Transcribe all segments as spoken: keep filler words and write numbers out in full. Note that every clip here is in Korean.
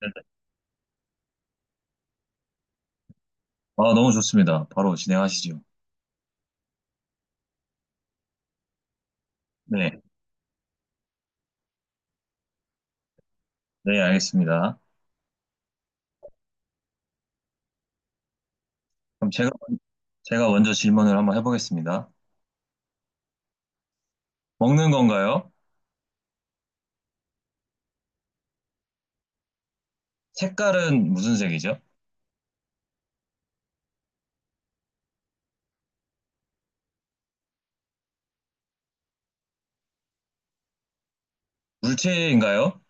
네네. 아, 너무 좋습니다. 바로 진행하시죠. 네, 네, 알겠습니다. 그럼 제가, 제가 먼저 질문을 한번 해보겠습니다. 먹는 건가요? 색깔은 무슨 색이죠? 물체인가요?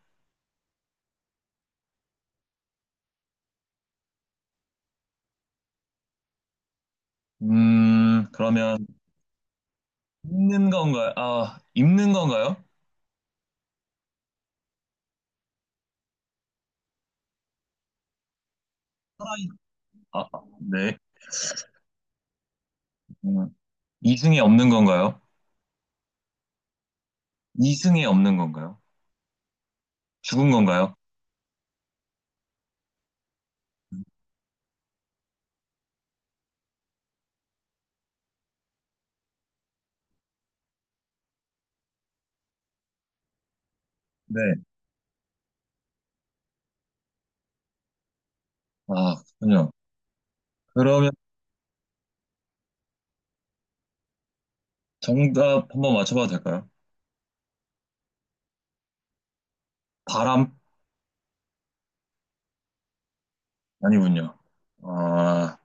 음, 그러면 입는 건가요? 아, 입는 건가요? 살아있- 아, 아, 네. 음, 이승에 없는 건가요? 이승에 없는 건가요? 죽은 건가요? 네. 아, 그렇군요. 그러면 정답 한번 맞춰봐도 될까요? 바람? 아니군요. 아,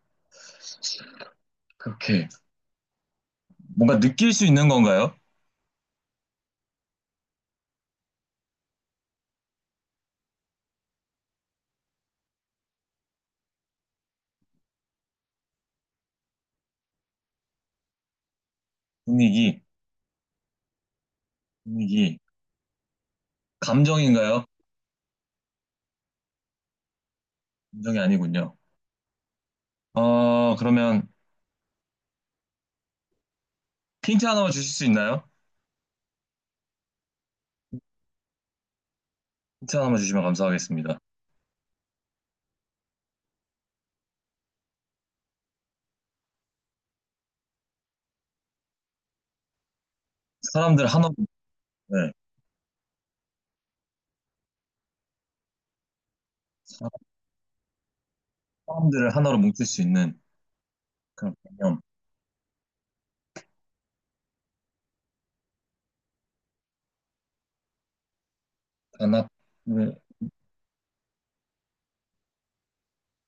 그렇게. 뭔가 느낄 수 있는 건가요? 분위기, 분위기. 감정인가요? 감정이 아니군요. 어, 그러면 힌트 하나만 주실 수 있나요? 힌트 하나만 주시면 감사하겠습니다. 사람들 하나로, 네. 사- 사람들을 하나로 뭉칠 수 있는 그런 개념. 단합을,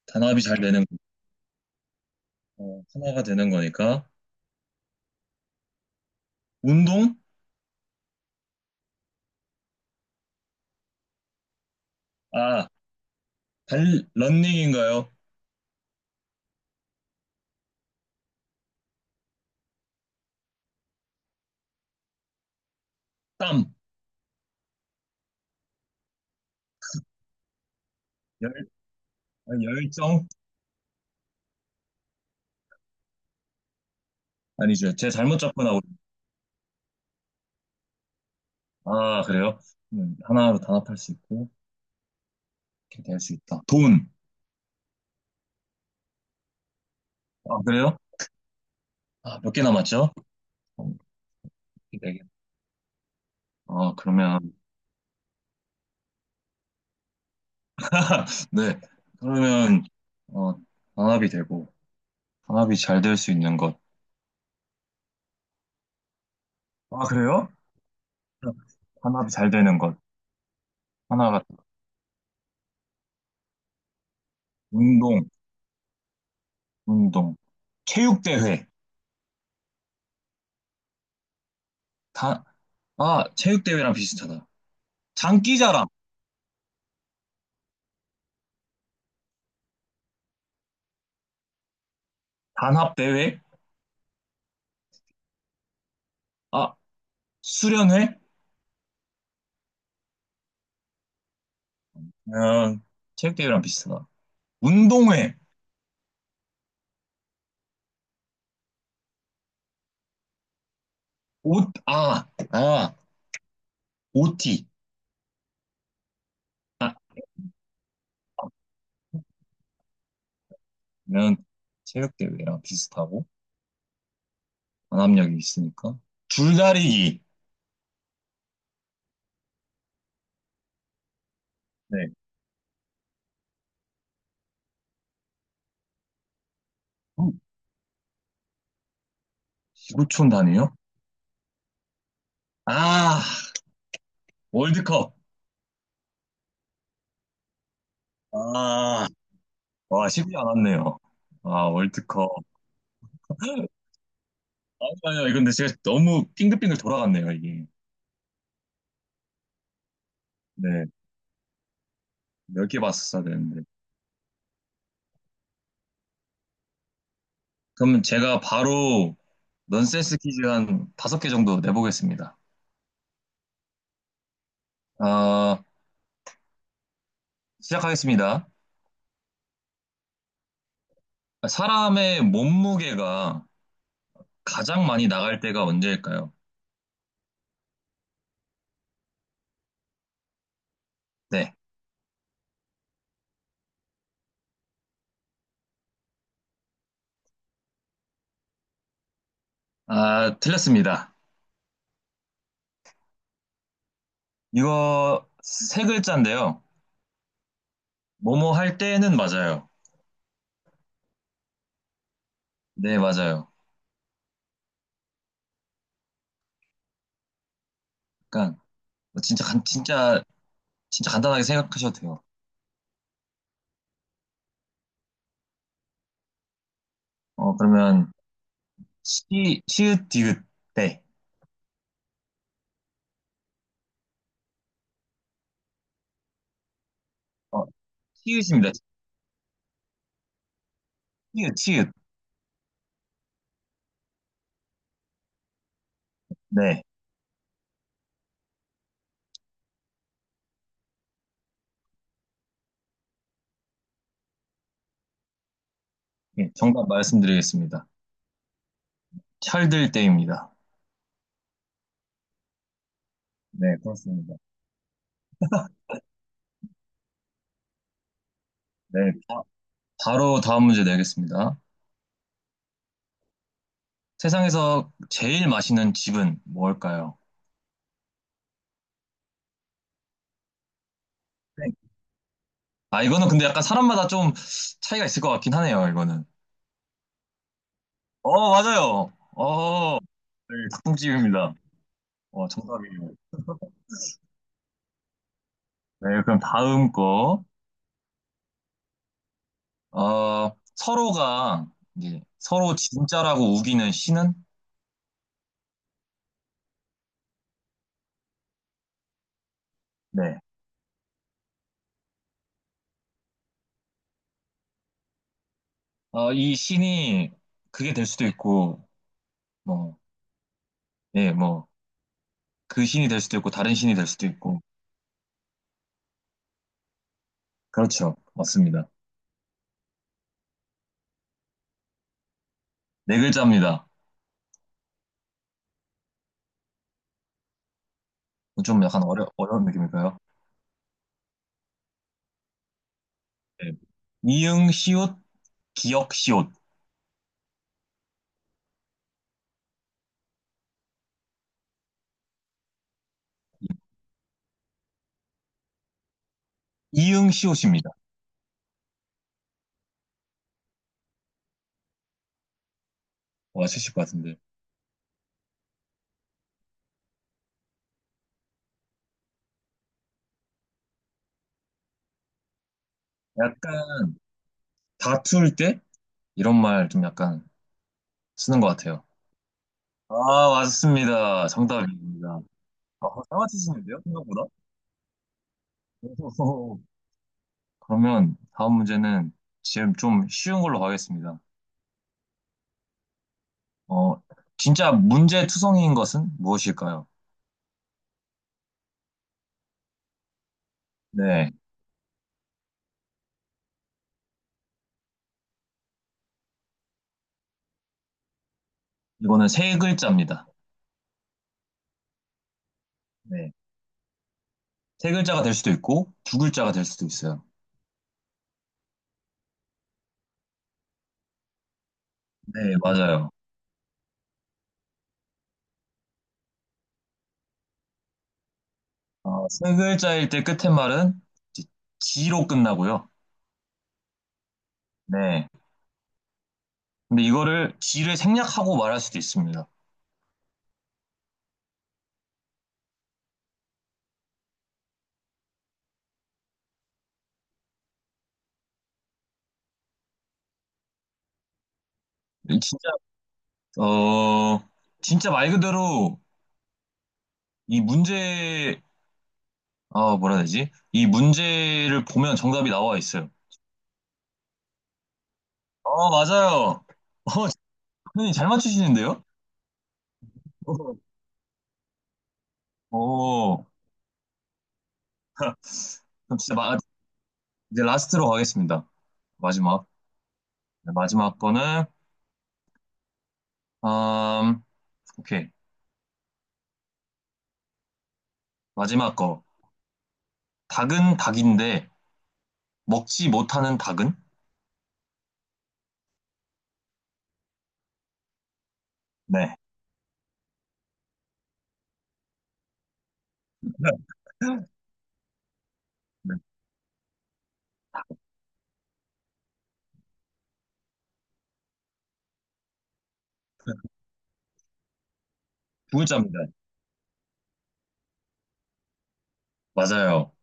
단합이 잘 되는, 거, 어, 하나가 되는 거니까. 운동? 아, 달, 런닝인가요? 땀, 열, 아, 열정? 아니죠. 제가 잘못 접근하고. 있- 아, 그래요? 음, 하나로 단합할 수 있고, 이렇게 될 수 있다. 돈. 아, 그래요? 아, 몇 개 남았죠? 어, 네 개. 아 그러면, 네. 그러면, 어, 단합이 되고, 단합이 잘 될 수 있는 것. 아, 그래요? 단합이 잘 되는 것. 하나가, 운동, 운동. 체육대회. 다, 아, 체육대회랑 비슷하다. 장기자랑, 단합대회. 아, 수련회? 아 체육대회랑 비슷하다. 운동회. 옷, 아, 아, 오티 아, 면 체육대회랑 비슷하고. 강압력이 있으니까. 줄다리기. 네. 음, 구오 초 단위요? 아, 월드컵. 아, 와, 쉽지 않았네요. 아, 월드컵. 아니요, 아니요. 이건데 제가 너무 빙글빙글 돌아갔네요, 이게. 네. 몇 개 봤었어야 되는데. 그럼 제가 바로 넌센스 퀴즈 한 다섯 개 정도 내보겠습니다. 아, 시작하겠습니다. 사람의 몸무게가 가장 많이 나갈 때가 언제일까요? 네. 아, 틀렸습니다. 이거 세 글자인데요. 뭐뭐 할 때는 맞아요. 네, 맞아요. 그러니까 뭐 진짜 간 진짜 진짜 간단하게 생각하셔도 돼요. 어 그러면 시 시읒 디귿 네. 어 시읒입니다. 시읒 시읒 네. 예, 정답 말씀드리겠습니다. 철들 때입니다. 네, 그렇습니다. 네, 바- 바로 다음 문제 내겠습니다. 세상에서 제일 맛있는 집은 뭘까요? 네. 아 이거는 근데 약간 사람마다 좀 차이가 있을 것 같긴 하네요. 이거는. 어, 맞아요. 어, 네, 닭똥집입니다. 어, 정답이에요. 네, 그럼 다음 거. 어, 서로가 이제 서로 진짜라고 우기는 신은? 네. 어, 이 신이 그게 될 수도 있고, 뭐, 예, 뭐, 그 신이 될 수도 있고, 다른 신이 될 수도 있고. 그렇죠. 맞습니다. 네 글자입니다. 좀 약간 어려, 어려운 느낌일까요? 네. 이응, 시옷, 기역, 시옷. 이응, 시옷입니다. 와, 맞으실 것 같은데. 약간 다툴 때? 이런 말 좀 약간 쓰는 것 같아요. 아, 맞습니다. 정답입니다. 아, 잘 맞히시는데요? 생각보다? 오. 그러면 다음 문제는 지금 좀 쉬운 걸로 가겠습니다. 어, 진짜 문제투성이인 것은 무엇일까요? 네. 이거는 세 글자입니다. 네. 세 글자가 될 수도 있고, 두 글자가 될 수도 있어요. 네, 맞아요. 어, 세 글자일 때 끝에 말은 이제 지로 끝나고요. 네. 근데 이거를 지를 생략하고 말할 수도 있습니다. 진짜 어, 진짜 말 그대로 이 문제, 아, 뭐라 해야 되지? 이 문제를 보면 정답이 나와 있어요. 어, 맞아요. 어, 선생님 잘 맞추시는데요? 오 그럼 진짜 마, 이제 라스트로 가겠습니다. 마지막. 네, 마지막 거는, 음, 오케이. 마지막 거. 닭은 닭인데, 먹지 못하는 닭은? 네. 네, 두 글자입니다. 맞아요.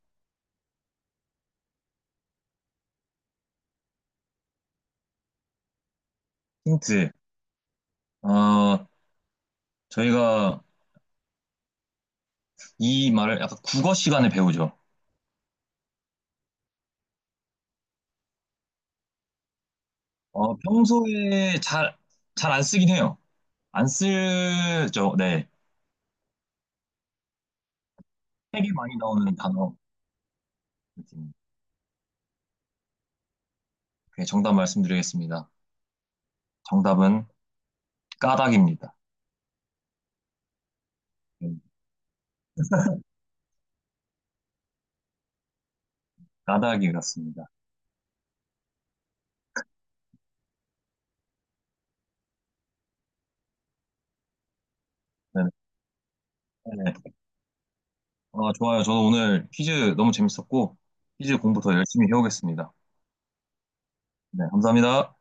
힌트. 어, 저희가 이 말을 약간 국어 시간에 배우죠. 어, 평소에 잘, 잘 안 쓰긴 해요. 안 쓰죠. 네. 책에 많이 나오는 단어. 네, 정답 말씀드리겠습니다. 정답은 까닭입니다. 네, 까닭이었습니다. 네, 네. 아, 좋아요. 저도 오늘 퀴즈 너무 재밌었고, 퀴즈 공부 더 열심히 해오겠습니다. 네, 감사합니다.